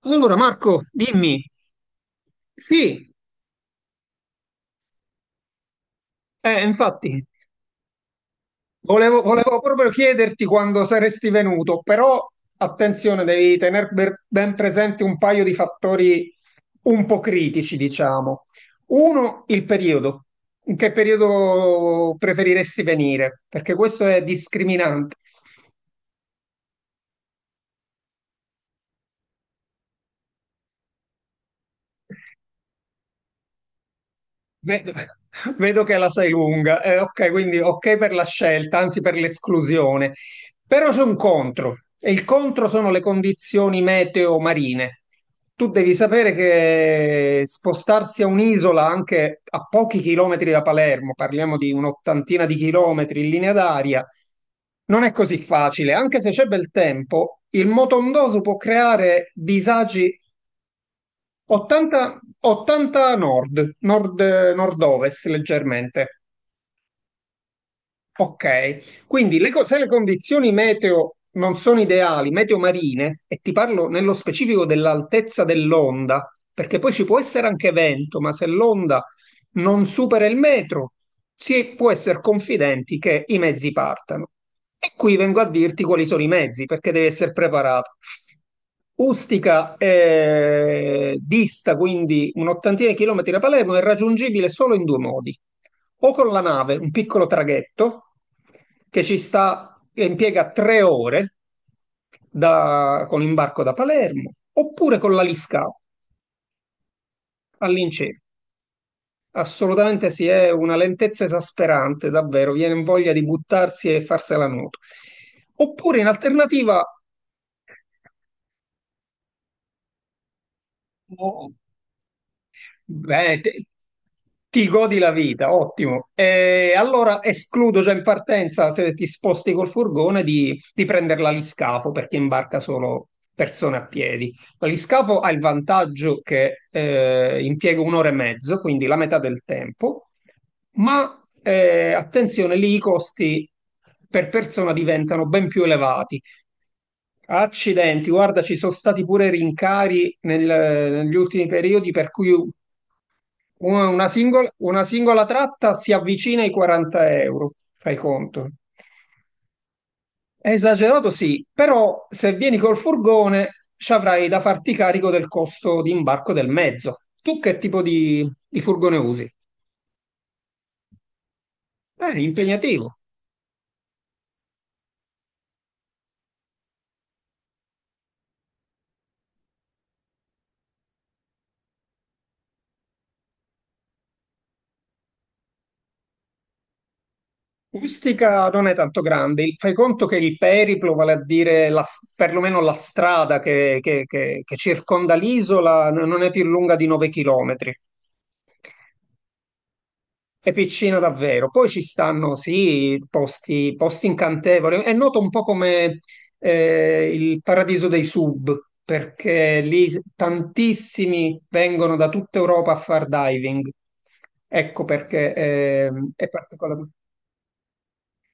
Allora, Marco, dimmi. Sì, infatti, volevo proprio chiederti quando saresti venuto, però attenzione, devi tenere ben presente un paio di fattori un po' critici, diciamo. Uno, il periodo. In che periodo preferiresti venire? Perché questo è discriminante. Vedo, vedo che la sai lunga. Ok, quindi ok per la scelta, anzi per l'esclusione. Però c'è un contro, e il contro sono le condizioni meteo marine. Tu devi sapere che spostarsi a un'isola anche a pochi chilometri da Palermo, parliamo di un'ottantina di chilometri in linea d'aria, non è così facile. Anche se c'è bel tempo, il motondoso può creare disagi. 80, 80 nord, nord-ovest leggermente. Ok, quindi se le condizioni meteo non sono ideali, meteo marine, e ti parlo nello specifico dell'altezza dell'onda, perché poi ci può essere anche vento, ma se l'onda non supera il metro, si può essere confidenti che i mezzi partano. E qui vengo a dirti quali sono i mezzi, perché devi essere preparato. Ustica dista quindi un'ottantina di chilometri da Palermo, è raggiungibile solo in due modi. O con la nave, un piccolo traghetto che ci sta, che impiega tre ore con l'imbarco da Palermo, oppure con la Liscao all'incirca. Assolutamente sì, è una lentezza esasperante, davvero, viene voglia di buttarsi e farsela nuoto. Oppure in alternativa, o- bene, ti godi la vita, ottimo. E allora escludo già in partenza, se ti sposti col furgone, di prendere l'aliscafo perché imbarca solo persone a piedi. L'aliscafo ha il vantaggio che impiega un'ora e mezzo, quindi la metà del tempo, ma attenzione, lì i costi per persona diventano ben più elevati. Accidenti, guarda, ci sono stati pure rincari negli ultimi periodi, per cui una singola, una singola tratta si avvicina ai 40 euro, fai conto. È esagerato, sì, però se vieni col furgone ci avrai da farti carico del costo di imbarco del mezzo. Tu che tipo di furgone usi? È impegnativo. Ustica non è tanto grande, fai conto che il periplo, vale a dire la, perlomeno la strada che circonda l'isola, non è più lunga di 9 chilometri. È piccino davvero. Poi ci stanno, sì, posti incantevoli. È noto un po' come il paradiso dei sub, perché lì tantissimi vengono da tutta Europa a far diving. Ecco perché è particolare.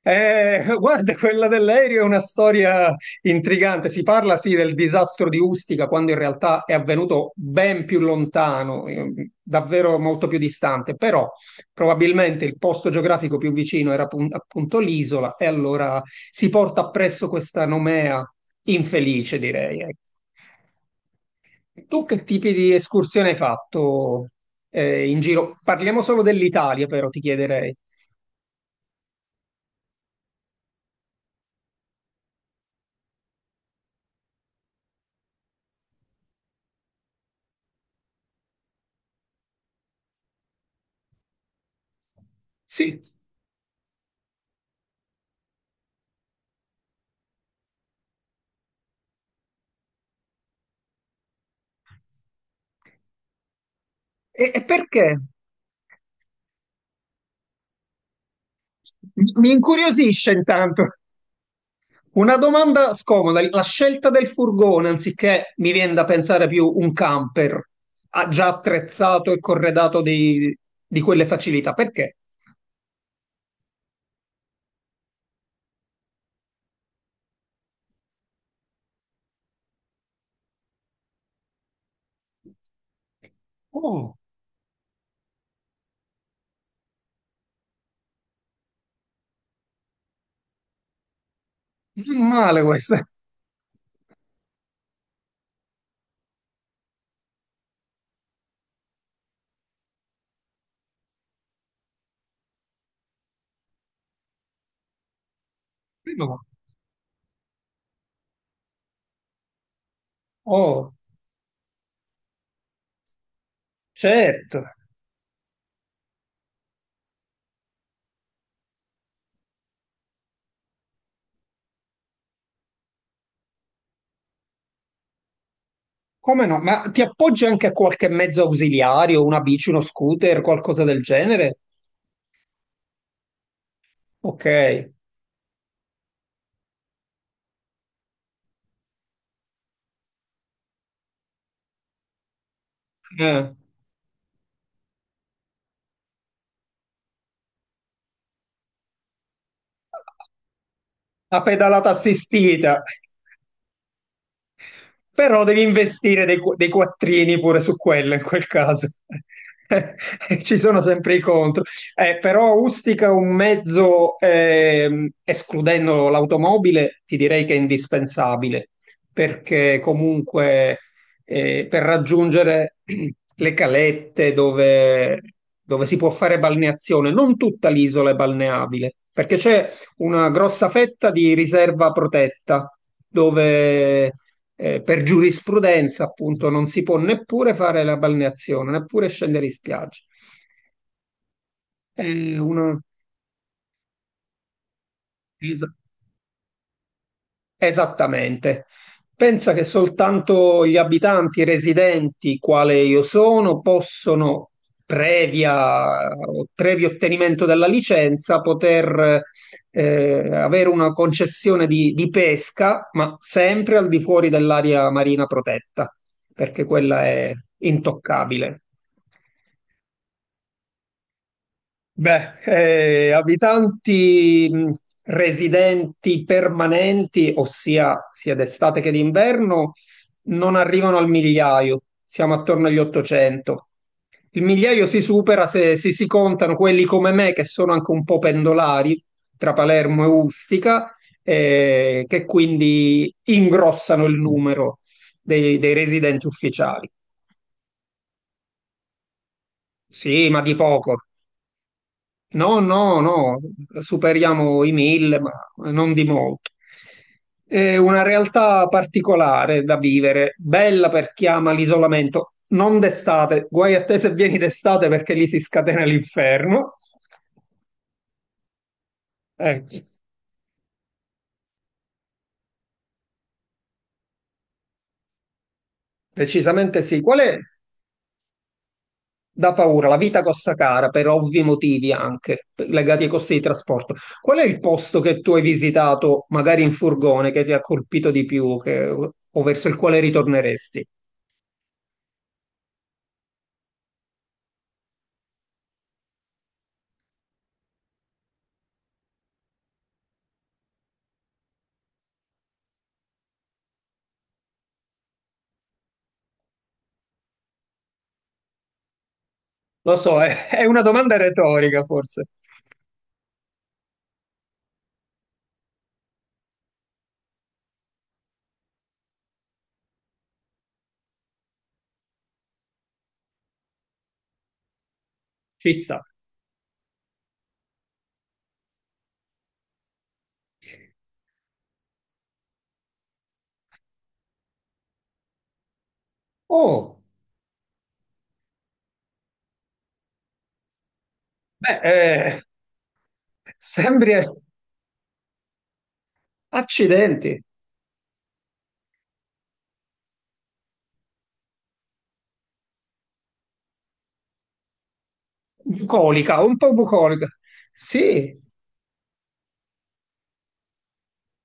Guarda, quella dell'aereo è una storia intrigante. Si parla sì del disastro di Ustica, quando in realtà è avvenuto ben più lontano, davvero molto più distante, però probabilmente il posto geografico più vicino era appunto l'isola e allora si porta appresso questa nomea infelice, direi. Ecco. Tu che tipi di escursione hai fatto, in giro? Parliamo solo dell'Italia, però ti chiederei. Sì, e perché? Mi incuriosisce intanto. Una domanda scomoda, la scelta del furgone anziché mi viene da pensare più un camper ah, già attrezzato e corredato di quelle facilità, perché? Oh, non male questa. No. Oh, certo. Come no? Ma ti appoggi anche a qualche mezzo ausiliario, una bici, uno scooter, qualcosa del genere? Ok. La pedalata assistita. Però devi investire dei, dei quattrini pure su quello in quel caso. Ci sono sempre i contro. Però Ustica un mezzo, escludendo l'automobile, ti direi che è indispensabile, perché comunque per raggiungere le calette dove si può fare balneazione, non tutta l'isola è balneabile, perché c'è una grossa fetta di riserva protetta dove per giurisprudenza, appunto, non si può neppure fare la balneazione, neppure scendere in spiaggia. È una- es- esattamente. Pensa che soltanto gli abitanti residenti, quale io sono, possono, previa, previo ottenimento della licenza, poter avere una concessione di pesca, ma sempre al di fuori dell'area marina protetta, perché quella è intoccabile. Beh, abitanti residenti permanenti, ossia sia d'estate che d'inverno, non arrivano al migliaio, siamo attorno agli 800. Il migliaio si supera se, se si contano quelli come me, che sono anche un po' pendolari tra Palermo e Ustica, che quindi ingrossano il numero dei residenti ufficiali. Sì, ma di poco. No, no, no, superiamo i mille, ma non di molto. È una realtà particolare da vivere, bella per chi ama l'isolamento, non d'estate, guai a te se vieni d'estate perché lì si scatena l'inferno. Ecco, decisamente sì. Qual è? Da paura, la vita costa cara per ovvi motivi anche legati ai costi di trasporto. Qual è il posto che tu hai visitato, magari in furgone, che ti ha colpito di più o verso il quale ritorneresti? Lo so, è, è una domanda retorica, forse. Ci sta. Oh, beh, sembri... Accidenti. Bucolica, un po' bucolica. Sì.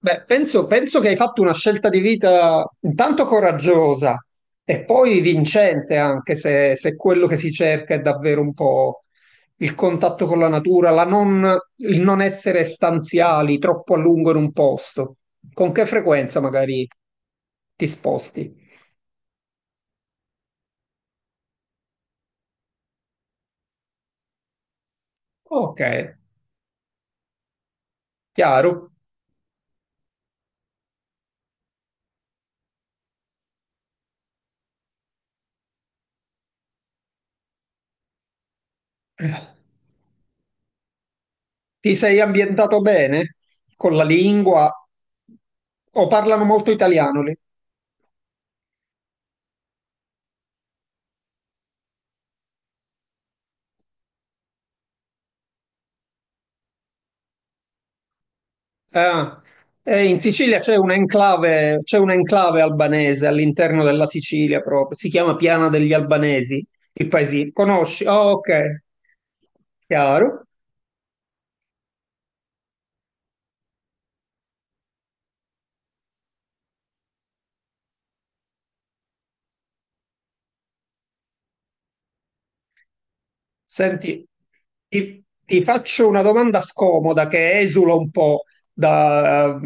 Beh, penso che hai fatto una scelta di vita intanto coraggiosa e poi vincente, anche se, se quello che si cerca è davvero un po' il contatto con la natura, la non- il non essere stanziali troppo a lungo in un posto. Con che frequenza magari ti sposti? Ok, chiaro. Ti sei ambientato bene con la lingua? O parlano molto italiano lì? Ah, in Sicilia c'è un'enclave albanese all'interno della Sicilia proprio, si chiama Piana degli Albanesi, il paesino. Conosci? Ah, ok, chiaro. Senti, ti faccio una domanda scomoda che esula un po' da-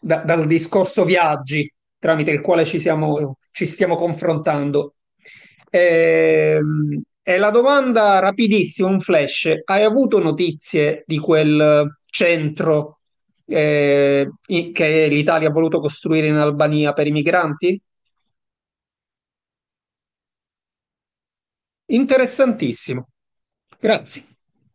dal discorso viaggi tramite il quale ci stiamo confrontando. È la domanda rapidissima, un flash. Hai avuto notizie di quel centro che l'Italia ha voluto costruire in Albania per i migranti? Interessantissimo. Grazie.